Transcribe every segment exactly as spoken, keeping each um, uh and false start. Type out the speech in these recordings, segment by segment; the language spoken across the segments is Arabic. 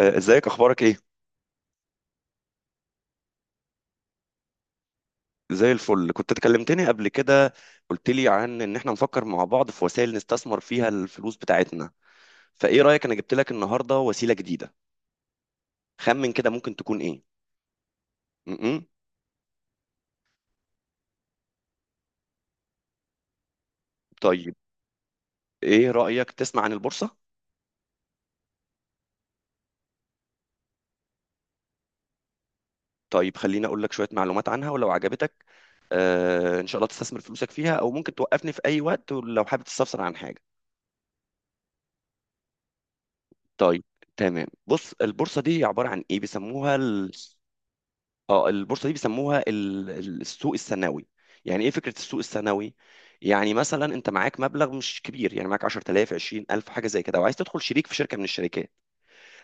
آه، ازيك؟ اخبارك ايه؟ زي الفل. كنت اتكلمتني قبل كده، قلت لي عن ان احنا نفكر مع بعض في وسائل نستثمر فيها الفلوس بتاعتنا. فايه رايك، انا جبت لك النهارده وسيله جديده. خمن كده، ممكن تكون ايه؟ م-م. طيب، ايه رايك تسمع عن البورصه؟ طيب، خليني اقول لك شويه معلومات عنها، ولو عجبتك آه ان شاء الله تستثمر فلوسك فيها، او ممكن توقفني في اي وقت لو حابب تستفسر عن حاجه. طيب. تمام، بص، البورصه دي عباره عن ايه بيسموها. اه البورصه دي بيسموها ال- ال- السوق الثانوي. يعني ايه فكره السوق الثانوي؟ يعني مثلا انت معاك مبلغ مش كبير، يعني معاك عشرة آلاف عشرين ألف حاجه زي كده، وعايز تدخل شريك في شركه من الشركات.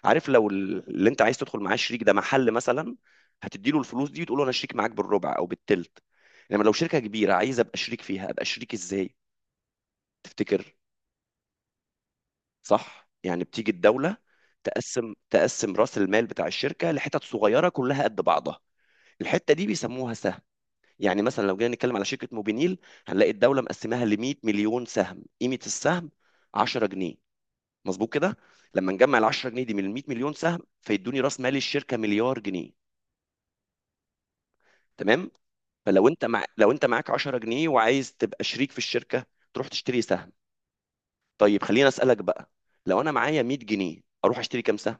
عارف لو ال- اللي انت عايز تدخل معاه شريك ده محل مثلا، هتدي له الفلوس دي وتقول له انا شريك معاك بالربع او بالتلت. انما لو شركه كبيره عايز ابقى شريك فيها، ابقى شريك ازاي؟ تفتكر؟ صح، يعني بتيجي الدوله تقسم تقسم راس المال بتاع الشركه لحتت صغيره كلها قد بعضها. الحته دي بيسموها سهم. يعني مثلا لو جينا نتكلم على شركة موبينيل، هنلاقي الدولة مقسماها ل مية مليون سهم، قيمة السهم عشرة جنيه. مظبوط كده؟ لما نجمع ال عشرة جنيه دي من ال مية مليون سهم فيدوني راس مال الشركة مليار جنيه. تمام. فلو انت مع... لو انت معاك عشرة جنيه وعايز تبقى شريك في الشركة، تروح تشتري سهم. طيب خليني اسألك بقى، لو انا معايا مية جنيه اروح اشتري كام سهم؟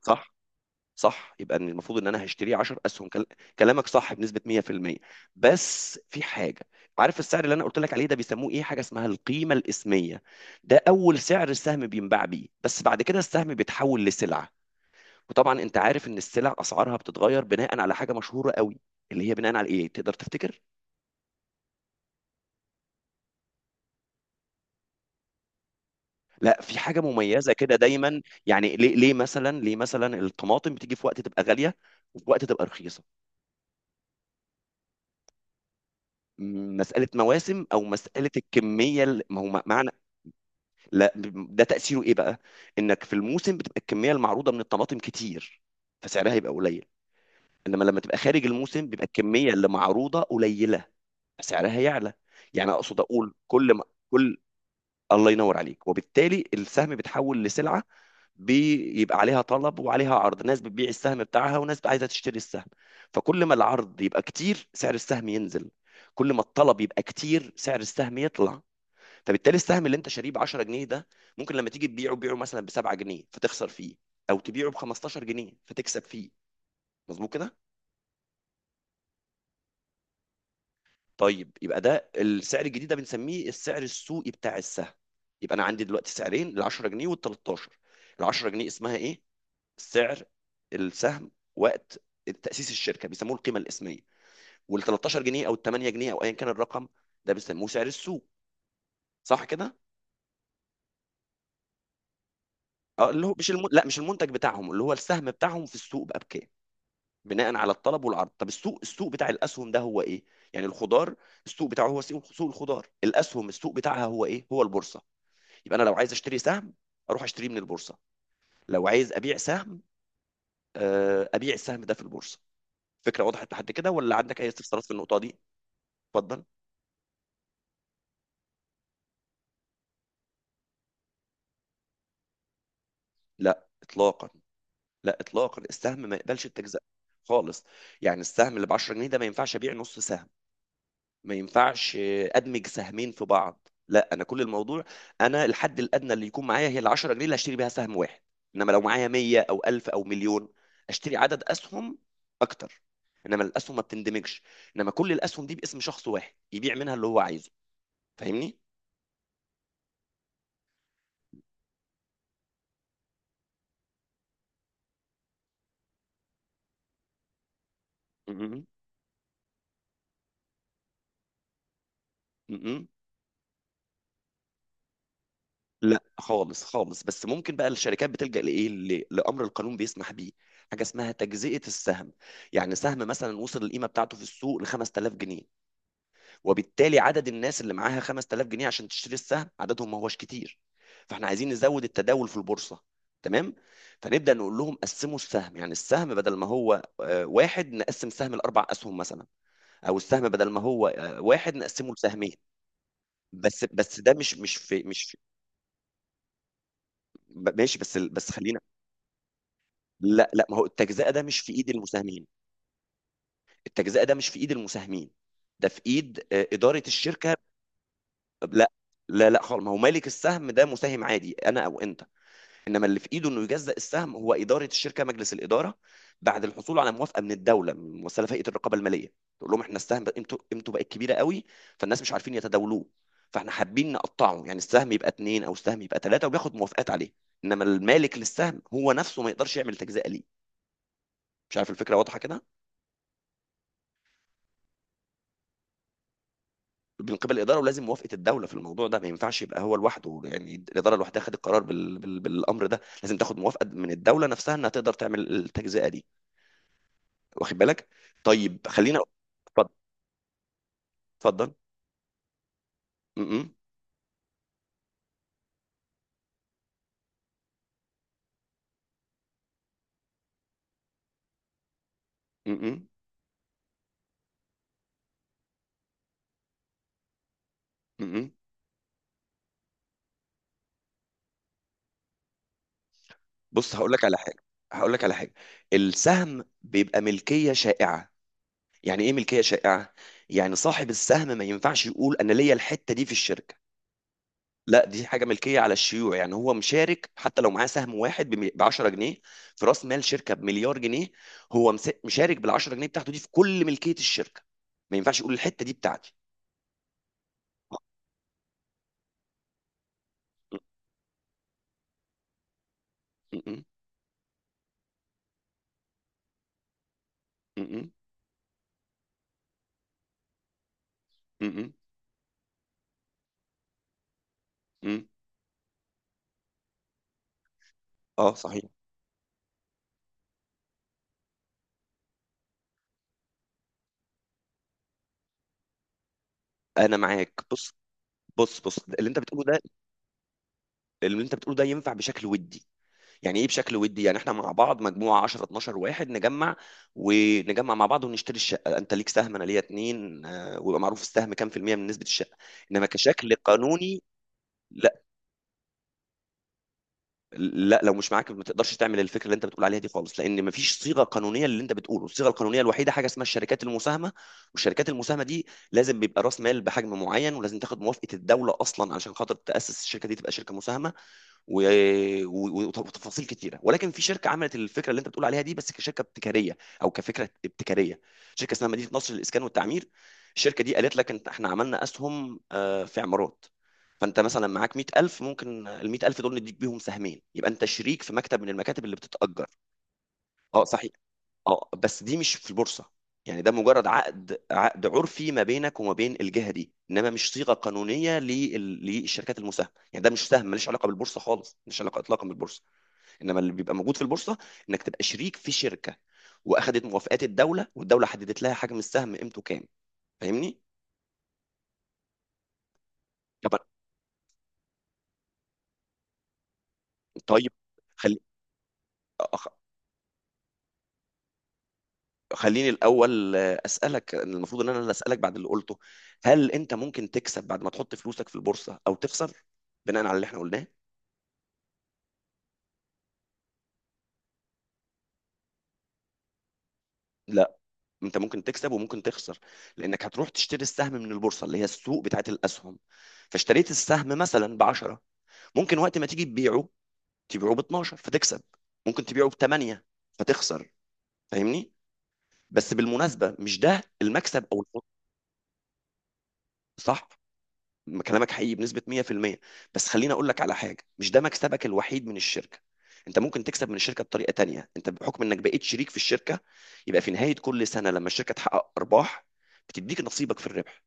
صح. صح، يبقى إن المفروض ان انا هشتريه عشرة اسهم كل... كلامك صح بنسبه مية بالمية. بس في حاجه، عارف السعر اللي انا قلت لك عليه ده بيسموه ايه؟ حاجه اسمها القيمه الاسميه. ده اول سعر السهم بينباع بيه، بس بعد كده السهم بيتحول لسلعه. وطبعا انت عارف ان السلع اسعارها بتتغير بناء على حاجه مشهوره قوي، اللي هي بناء على ايه؟ تقدر تفتكر؟ لا، في حاجه مميزه كده دايما، يعني ليه ليه مثلا ليه مثلا الطماطم بتيجي في وقت تبقى غاليه، وفي وقت تبقى رخيصه؟ مسألة مواسم، أو مسألة الكمية ال- ما هو معنى، لا، ده تأثيره ايه بقى؟ انك في الموسم بتبقى الكمية المعروضة من الطماطم كتير، فسعرها يبقى قليل. انما لما تبقى خارج الموسم بيبقى الكمية اللي معروضة قليلة، فسعرها يعلى. يعني اقصد اقول كل ما كل الله ينور عليك. وبالتالي السهم بيتحول لسلعة، بيبقى عليها طلب وعليها عرض، ناس بتبيع السهم بتاعها وناس عايزة تشتري السهم. فكل ما العرض يبقى كتير سعر السهم ينزل، كل ما الطلب يبقى كتير سعر السهم يطلع. فبالتالي السهم اللي انت شاريه ب عشرة جنيه ده، ممكن لما تيجي تبيعه تبيعه مثلا ب سبعة جنيه فتخسر فيه، او تبيعه ب خمستاشر جنيه فتكسب فيه. مظبوط كده؟ طيب، يبقى ده السعر الجديد ده بنسميه السعر السوقي بتاع السهم. يبقى انا عندي دلوقتي سعرين، ال عشرة جنيه وال ثلاثة عشر. ال عشرة جنيه اسمها ايه؟ سعر السهم وقت تأسيس الشركة، بيسموه القيمة الاسمية. وال تلتاشر جنيه او ال تمنية جنيه او ايا كان الرقم، ده بيسموه سعر السوق. صح كده؟ اه، اللي هو مش الم... لا، مش المنتج بتاعهم، اللي هو السهم بتاعهم في السوق بقى بكام، بناء على الطلب والعرض. طب السوق، السوق بتاع الاسهم ده هو ايه؟ يعني الخضار السوق بتاعه هو سوق سوق الخضار، الاسهم السوق بتاعها هو ايه؟ هو البورصه. يبقى انا لو عايز اشتري سهم اروح اشتريه من البورصه، لو عايز ابيع سهم آه، ابيع السهم ده في البورصه. فكره وضحت لحد كده؟ ولا عندك اي استفسارات في النقطه دي؟ اتفضل. لا اطلاقا. لا اطلاقا، السهم ما يقبلش التجزئه. خالص. يعني السهم اللي ب عشرة جنيه ده ما ينفعش ابيع نص سهم، ما ينفعش ادمج سهمين في بعض، لا، انا كل الموضوع انا الحد الادنى اللي يكون معايا هي ال عشرة جنيه اللي هشتري بيها سهم واحد. انما لو معايا مية او ألف او مليون اشتري عدد اسهم اكتر. انما الاسهم ما بتندمجش، انما كل الاسهم دي باسم شخص واحد يبيع منها اللي هو عايزه. فاهمني؟ م-م. م-م. لا خالص خالص. بس ممكن بقى الشركات بتلجأ لايه، ل- لامر القانون بيسمح بيه، حاجه اسمها تجزئه السهم. يعني سهم مثلا وصل القيمه بتاعته في السوق ل خمست آلاف جنيه، وبالتالي عدد الناس اللي معاها خمست آلاف جنيه عشان تشتري السهم عددهم ما هوش كتير، فاحنا عايزين نزود التداول في البورصة. تمام. فنبدأ نقول لهم قسموا السهم. يعني السهم بدل ما هو آه، واحد نقسم سهم لأربع أسهم مثلا، أو السهم بدل ما هو آه، واحد نقسمه لسهمين. بس بس ده مش مش في مش في. ب- ماشي، بس ال- بس خلينا. لا لا، ما هو التجزئة ده مش في إيد المساهمين. التجزئة ده مش في إيد المساهمين، ده في إيد آه، إدارة الشركة. لا. لا لا خالص. ما هو مالك السهم ده مساهم عادي، أنا أو أنت. انما اللي في ايده انه يجزأ السهم هو اداره الشركه، مجلس الاداره، بعد الحصول على موافقه من الدوله، من مؤسسه فئه الرقابه الماليه. تقول لهم احنا السهم قيمته قيمته بقت كبيره قوي، فالناس مش عارفين يتداولوه، فاحنا حابين نقطعه، يعني السهم يبقى اتنين او السهم يبقى ثلاثه، وبياخد موافقات عليه. انما المالك للسهم هو نفسه ما يقدرش يعمل تجزئه ليه. مش عارف الفكره واضحه كده؟ من قبل الاداره، ولازم موافقه الدوله في الموضوع ده، ما ينفعش يبقى هو لوحده، يعني الاداره لوحدها خدت القرار بال... بال... بالامر ده، لازم تاخد موافقه من الدوله نفسها انها تقدر تعمل التجزئه دي. واخد بالك؟ طيب خلينا. اتفضل. اتفضل. م-م. م-م. م-م. بص هقول لك على حاجه. هقول لك على حاجه، السهم بيبقى ملكيه شائعه. يعني ايه ملكيه شائعه؟ يعني صاحب السهم ما ينفعش يقول انا ليا الحته دي في الشركه، لا، دي حاجه ملكيه على الشيوع. يعني هو مشارك حتى لو معاه سهم واحد ب عشرة جنيه في راس مال شركه بمليار جنيه، هو مس- مشارك بال عشرة جنيه بتاعته دي في كل ملكيه الشركه، ما ينفعش يقول الحته دي بتاعتي. م-م. م-م. م-م. م-م. اه صحيح. انا معاك. بص. بص بص اللي انت بتقوله ده، اللي انت بتقوله ده ينفع بشكل ودي. يعني ايه بشكل ودي؟ يعني احنا مع بعض مجموعه عشرة اتناشر واحد نجمع ونجمع مع بعض ونشتري الشقه، انت ليك سهم انا ليا اتنين آه، ويبقى معروف السهم كام في المية من نسبه الشقه. انما كشكل قانوني، لا. لا، لو مش معاك ما تقدرش تعمل الفكره اللي انت بتقول عليها دي خالص، لان ما فيش صيغه قانونيه اللي انت بتقوله. الصيغه القانونيه الوحيده حاجه اسمها الشركات المساهمه. والشركات المساهمه دي لازم بيبقى راس مال بحجم معين، ولازم تاخد موافقه الدوله اصلا علشان خاطر تاسس الشركه دي تبقى شركه مساهمه، و- و- وتفاصيل كتيره. ولكن في شركه عملت الفكره اللي انت بتقول عليها دي، بس كشركه ابتكاريه او كفكره ابتكاريه، شركه اسمها مدينه نصر للاسكان والتعمير. الشركه دي قالت لك انت احنا عملنا اسهم آه، في عمارات، فانت مثلا معاك مية ألف ممكن ال مية ألف دول نديك بيهم سهمين يبقى انت شريك في مكتب من المكاتب اللي بتتأجر. اه صحيح. اه بس دي مش في البورصه، يعني ده مجرد عقد عقد عرفي ما بينك وما بين الجهه دي، انما مش صيغه قانونيه لل- للشركات المساهمه. يعني ده مش سهم، ملوش علاقه بالبورصه خالص، ملوش علاقه اطلاقا بالبورصه. انما اللي بيبقى موجود في البورصه انك تبقى شريك في شركه واخدت موافقات الدوله، والدوله حددت لها حجم السهم قيمته كام. فاهمني؟ طب. طيب خلي أخ- خليني الاول آه، اسالك، المفروض ان انا اللي اسالك بعد اللي قلته، هل انت ممكن تكسب بعد ما تحط فلوسك في البورصه او تخسر بناء على اللي احنا قلناه؟ انت ممكن تكسب وممكن تخسر، لانك هتروح تشتري السهم من البورصه اللي هي السوق بتاعت الاسهم. فاشتريت السهم مثلا ب عشرة، ممكن وقت ما تيجي تبيعه تبيعه ب اتناشر فتكسب، ممكن تبيعه ب تمنية فتخسر. فاهمني؟ بس بالمناسبه مش ده المكسب او الخسارة. صح، كلامك حقيقي بنسبه مية بالمية. بس خليني اقول لك على حاجه، مش ده مكسبك الوحيد من الشركه. انت ممكن تكسب من الشركه بطريقه تانية، انت بحكم انك بقيت شريك في الشركه، يبقى في نهايه كل سنه لما الشركه تحقق ارباح بتديك نصيبك في الربح،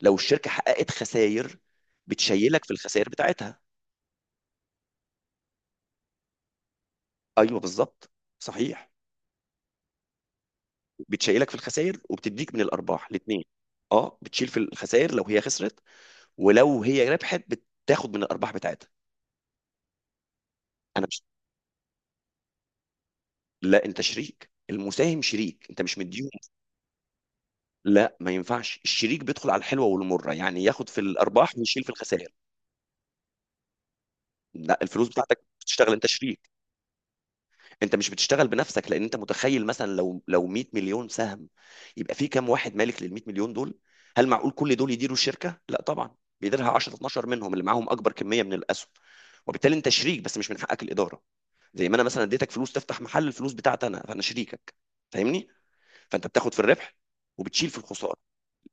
لو الشركة حققت خسائر بتشيلك في الخسائر بتاعتها. ايوه بالظبط. صحيح. بتشيلك في الخسائر وبتديك من الارباح الاثنين. اه بتشيل في الخسائر لو هي خسرت، ولو هي ربحت بتاخد من الارباح بتاعتها. انا مش. لا، انت شريك، المساهم شريك، انت مش مديهم. لا ما ينفعش، الشريك بيدخل على الحلوه والمره، يعني ياخد في الارباح ويشيل في الخسائر. لا، الفلوس بتاعتك بتشتغل، انت شريك. انت مش بتشتغل بنفسك، لان انت متخيل مثلا لو لو مية مليون سهم، يبقى في كام واحد مالك لل مية مليون دول؟ هل معقول كل دول يديروا الشركه؟ لا طبعا، بيديرها عشرة اتناشر منهم اللي معاهم اكبر كميه من الاسهم. وبالتالي انت شريك بس مش من حقك الاداره. زي ما انا مثلا اديتك فلوس تفتح محل، الفلوس بتاعتي انا فانا شريكك. فاهمني؟ فانت بتاخد في الربح وبتشيل في الخساره،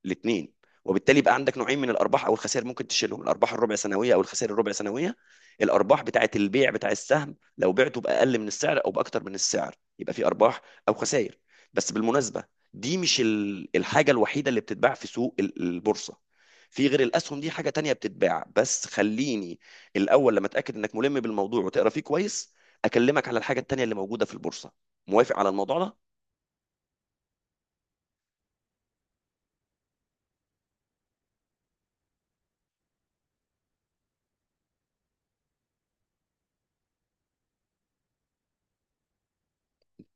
الاثنين. وبالتالي يبقى عندك نوعين من الارباح او الخسائر ممكن تشيلهم، الارباح الربع سنويه او الخسائر الربع سنويه، الارباح بتاعه البيع بتاع السهم لو بعته باقل من السعر او باكتر من السعر يبقى في ارباح او خسائر. بس بالمناسبه، دي مش ال- الحاجه الوحيده اللي بتتباع في سوق ال- البورصه، في غير الاسهم دي حاجه تانية بتتباع، بس خليني الاول لما اتاكد انك ملم بالموضوع وتقرا فيه كويس اكلمك على الحاجه التانية اللي موجوده في البورصه. موافق على الموضوع ده؟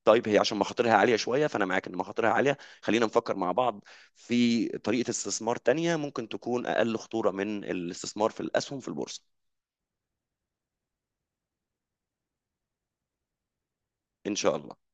طيب، هي عشان مخاطرها عالية شوية، فأنا معاك إن مخاطرها عالية، خلينا نفكر مع بعض في طريقة استثمار تانية ممكن تكون أقل خطورة من الاستثمار في الأسهم في البورصة. إن شاء الله.